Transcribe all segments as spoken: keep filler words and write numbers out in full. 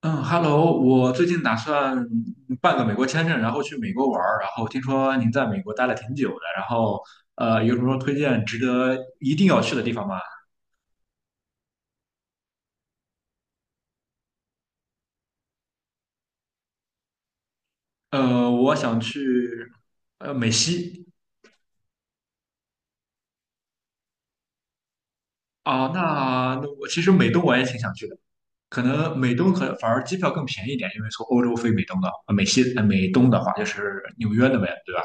嗯，Hello，我最近打算办个美国签证，然后去美国玩儿。然后听说您在美国待了挺久的，然后呃，有什么推荐值得一定要去的地方吗？呃，我想去呃美西。啊，那那我其实美东我也挺想去的，可能美东可反而机票更便宜一点，因为从欧洲飞美东的，呃美西呃美东的话就是纽约那边，对吧？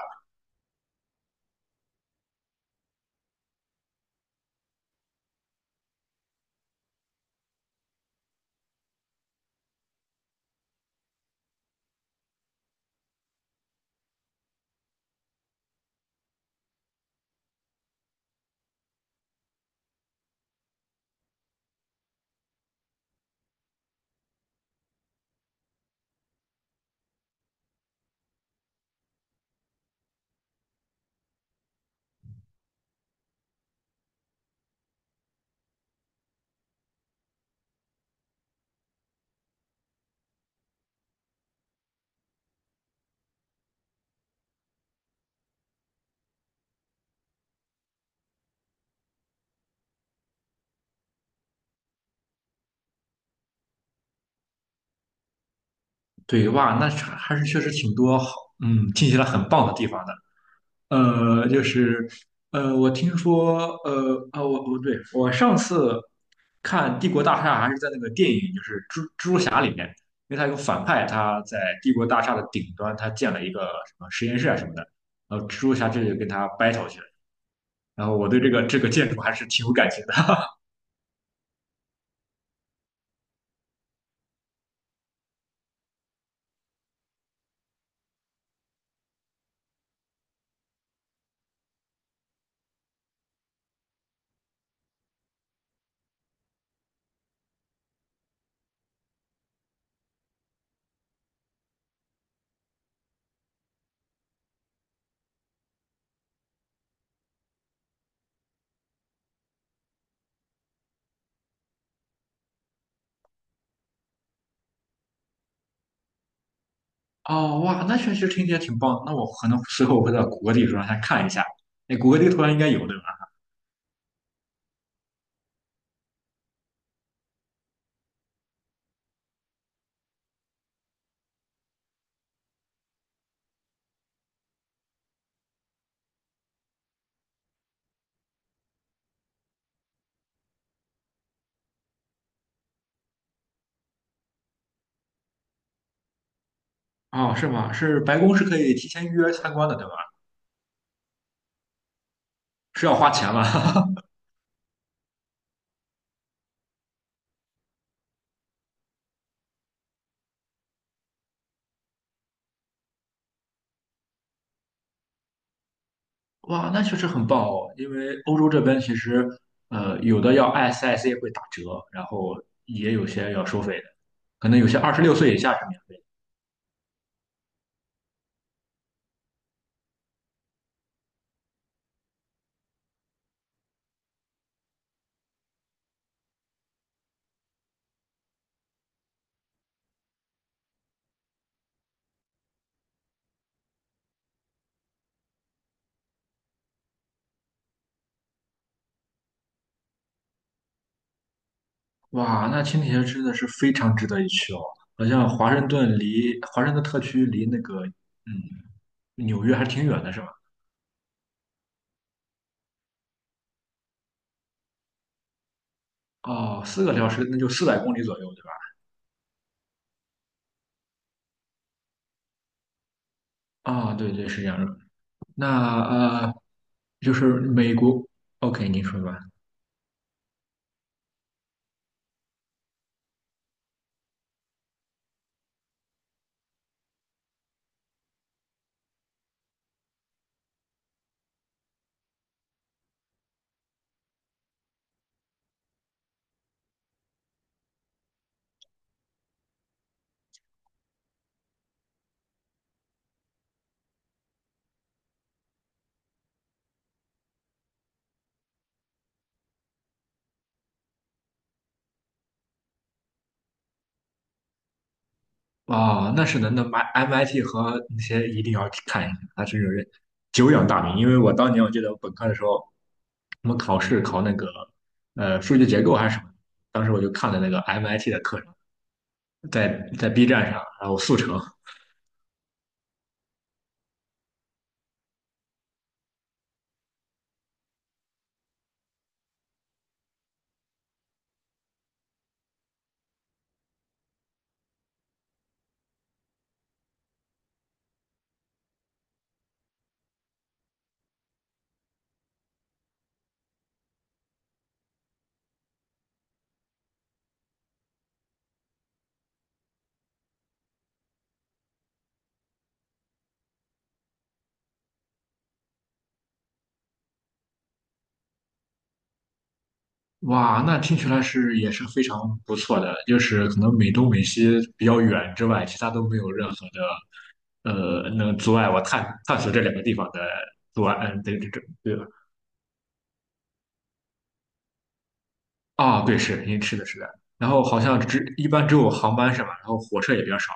对哇，那还是确实挺多好，嗯，听起来很棒的地方的。呃，就是呃，我听说呃啊，我我对我上次看《帝国大厦》还是在那个电影，就是蜘蜘蛛侠里面，因为他有个反派，他在帝国大厦的顶端，他建了一个什么实验室啊什么的，然后蜘蛛侠这就跟他 battle 去了。然后我对这个这个建筑还是挺有感情的。哦，哇，那确实听起来挺棒的，那我可能随后我会到谷歌地图上先看一下。那谷歌地图上应该有，对吧？哦，是吗？是白宫是可以提前预约参观的，对吧？是要花钱吗？哇，那确实很棒哦，因为欧洲这边其实，呃，有的要 S I C 会打折，然后也有些要收费的，可能有些二十六岁以下是免费的。哇，那青铁真的是非常值得一去哦，好像华盛顿离华盛顿特区离那个嗯纽约还挺远的，是吧？哦，四个小时那就四百公里左右，对吧？啊、对对，是这样的。那呃，就是美国，OK,您说吧。啊、那是的，那 M I T 和那些一定要去看一，那它真是久仰大名。因为我当年我记得我本科的时候，我们考试考那个呃数据结构还是什么，当时我就看了那个 M I T 的课程，在在 B 站上，然后速成，哇，那听起来是也是非常不错的，就是可能美东美西比较远之外，其他都没有任何的呃能阻碍我探探索这两个地方的阻碍，嗯，对对对，啊，对，是，因为是的，是的。然后好像只一般只有航班是吧？然后火车也比较少。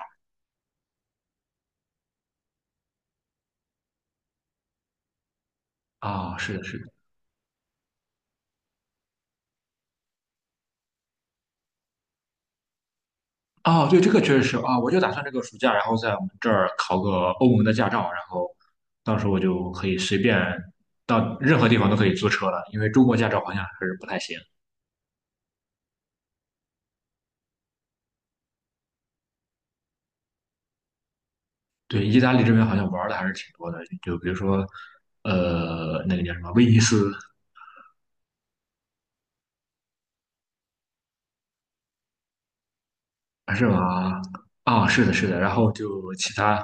啊，是的，是的。啊，对，这个确实是啊，我就打算这个暑假，然后在我们这儿考个欧盟的驾照，然后到时候我就可以随便到任何地方都可以租车了，因为中国驾照好像还是不太行。对，意大利这边好像玩的还是挺多的，就比如说，呃，那个叫什么威尼斯。是吗？啊，是的，是的。然后就其他，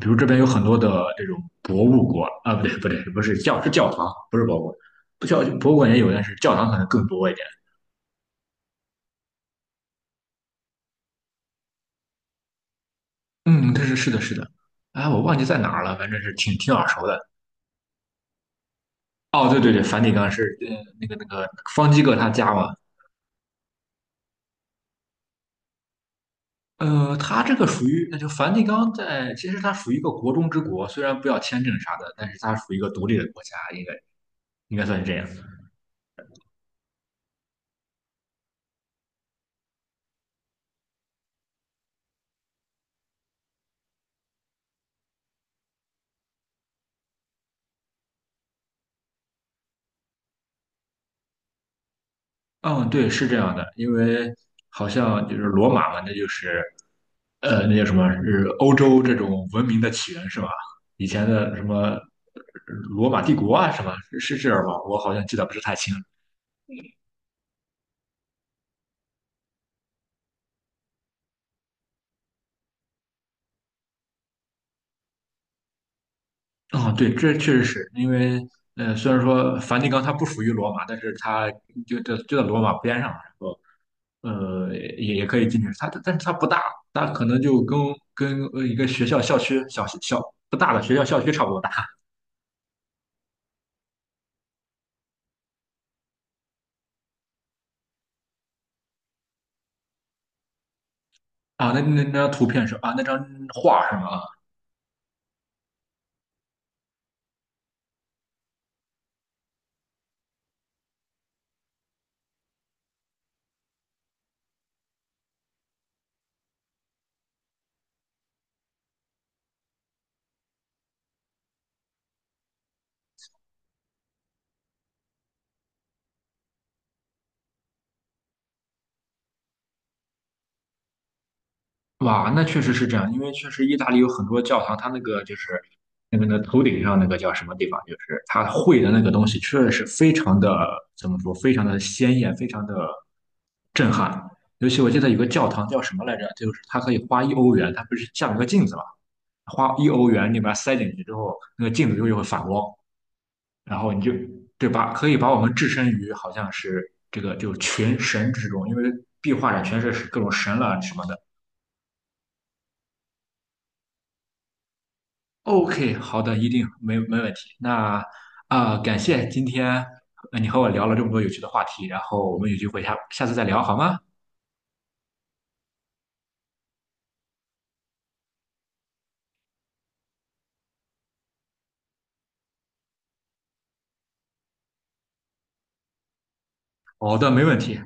比如这边有很多的这种博物馆啊，不对，不对，不是教是教堂，不是博物馆，不教博物馆也有，但是教堂可能更多一点。嗯，但是是的，是的。哎，我忘记在哪儿了，反正是挺挺耳熟的。哦，对对对，梵蒂冈是呃那个那个方基各他家嘛。呃，他这个属于，那就梵蒂冈在，其实它属于一个国中之国，虽然不要签证啥的，但是它属于一个独立的国家，应该应该算是这样。嗯，对，是这样的，因为好像就是罗马嘛，那就是呃，那叫什么？是欧洲这种文明的起源是吧？以前的什么呃罗马帝国啊，什么是是这样吗？我好像记得不是太清。哦，对，这确实是因为呃，虽然说梵蒂冈它不属于罗马，但是它就就就在罗马边上，然后呃也也可以进去。它但是它不大，它可能就跟跟呃一个学校校区小小不大的学校校区差不多大。啊、那那那张图片是啊，那张画是吗？啊哇，那确实是这样，因为确实意大利有很多教堂，它那个就是那个那头顶上那个叫什么地方，就是它绘的那个东西，确实是非常的怎么说，非常的鲜艳，非常的震撼。尤其我记得有个教堂叫什么来着，就是它可以花一欧元，它不是像一个镜子嘛，花一欧元，你把它塞进去之后，那个镜子就会反光。然后你就对吧？可以把我们置身于好像是这个就群神之中，因为壁画上全是各种神了什么的。OK,好的，一定没没问题。那啊、呃感谢今天呃你和我聊了这么多有趣的话题，然后我们有机会下下次再聊好吗？好的，没问题。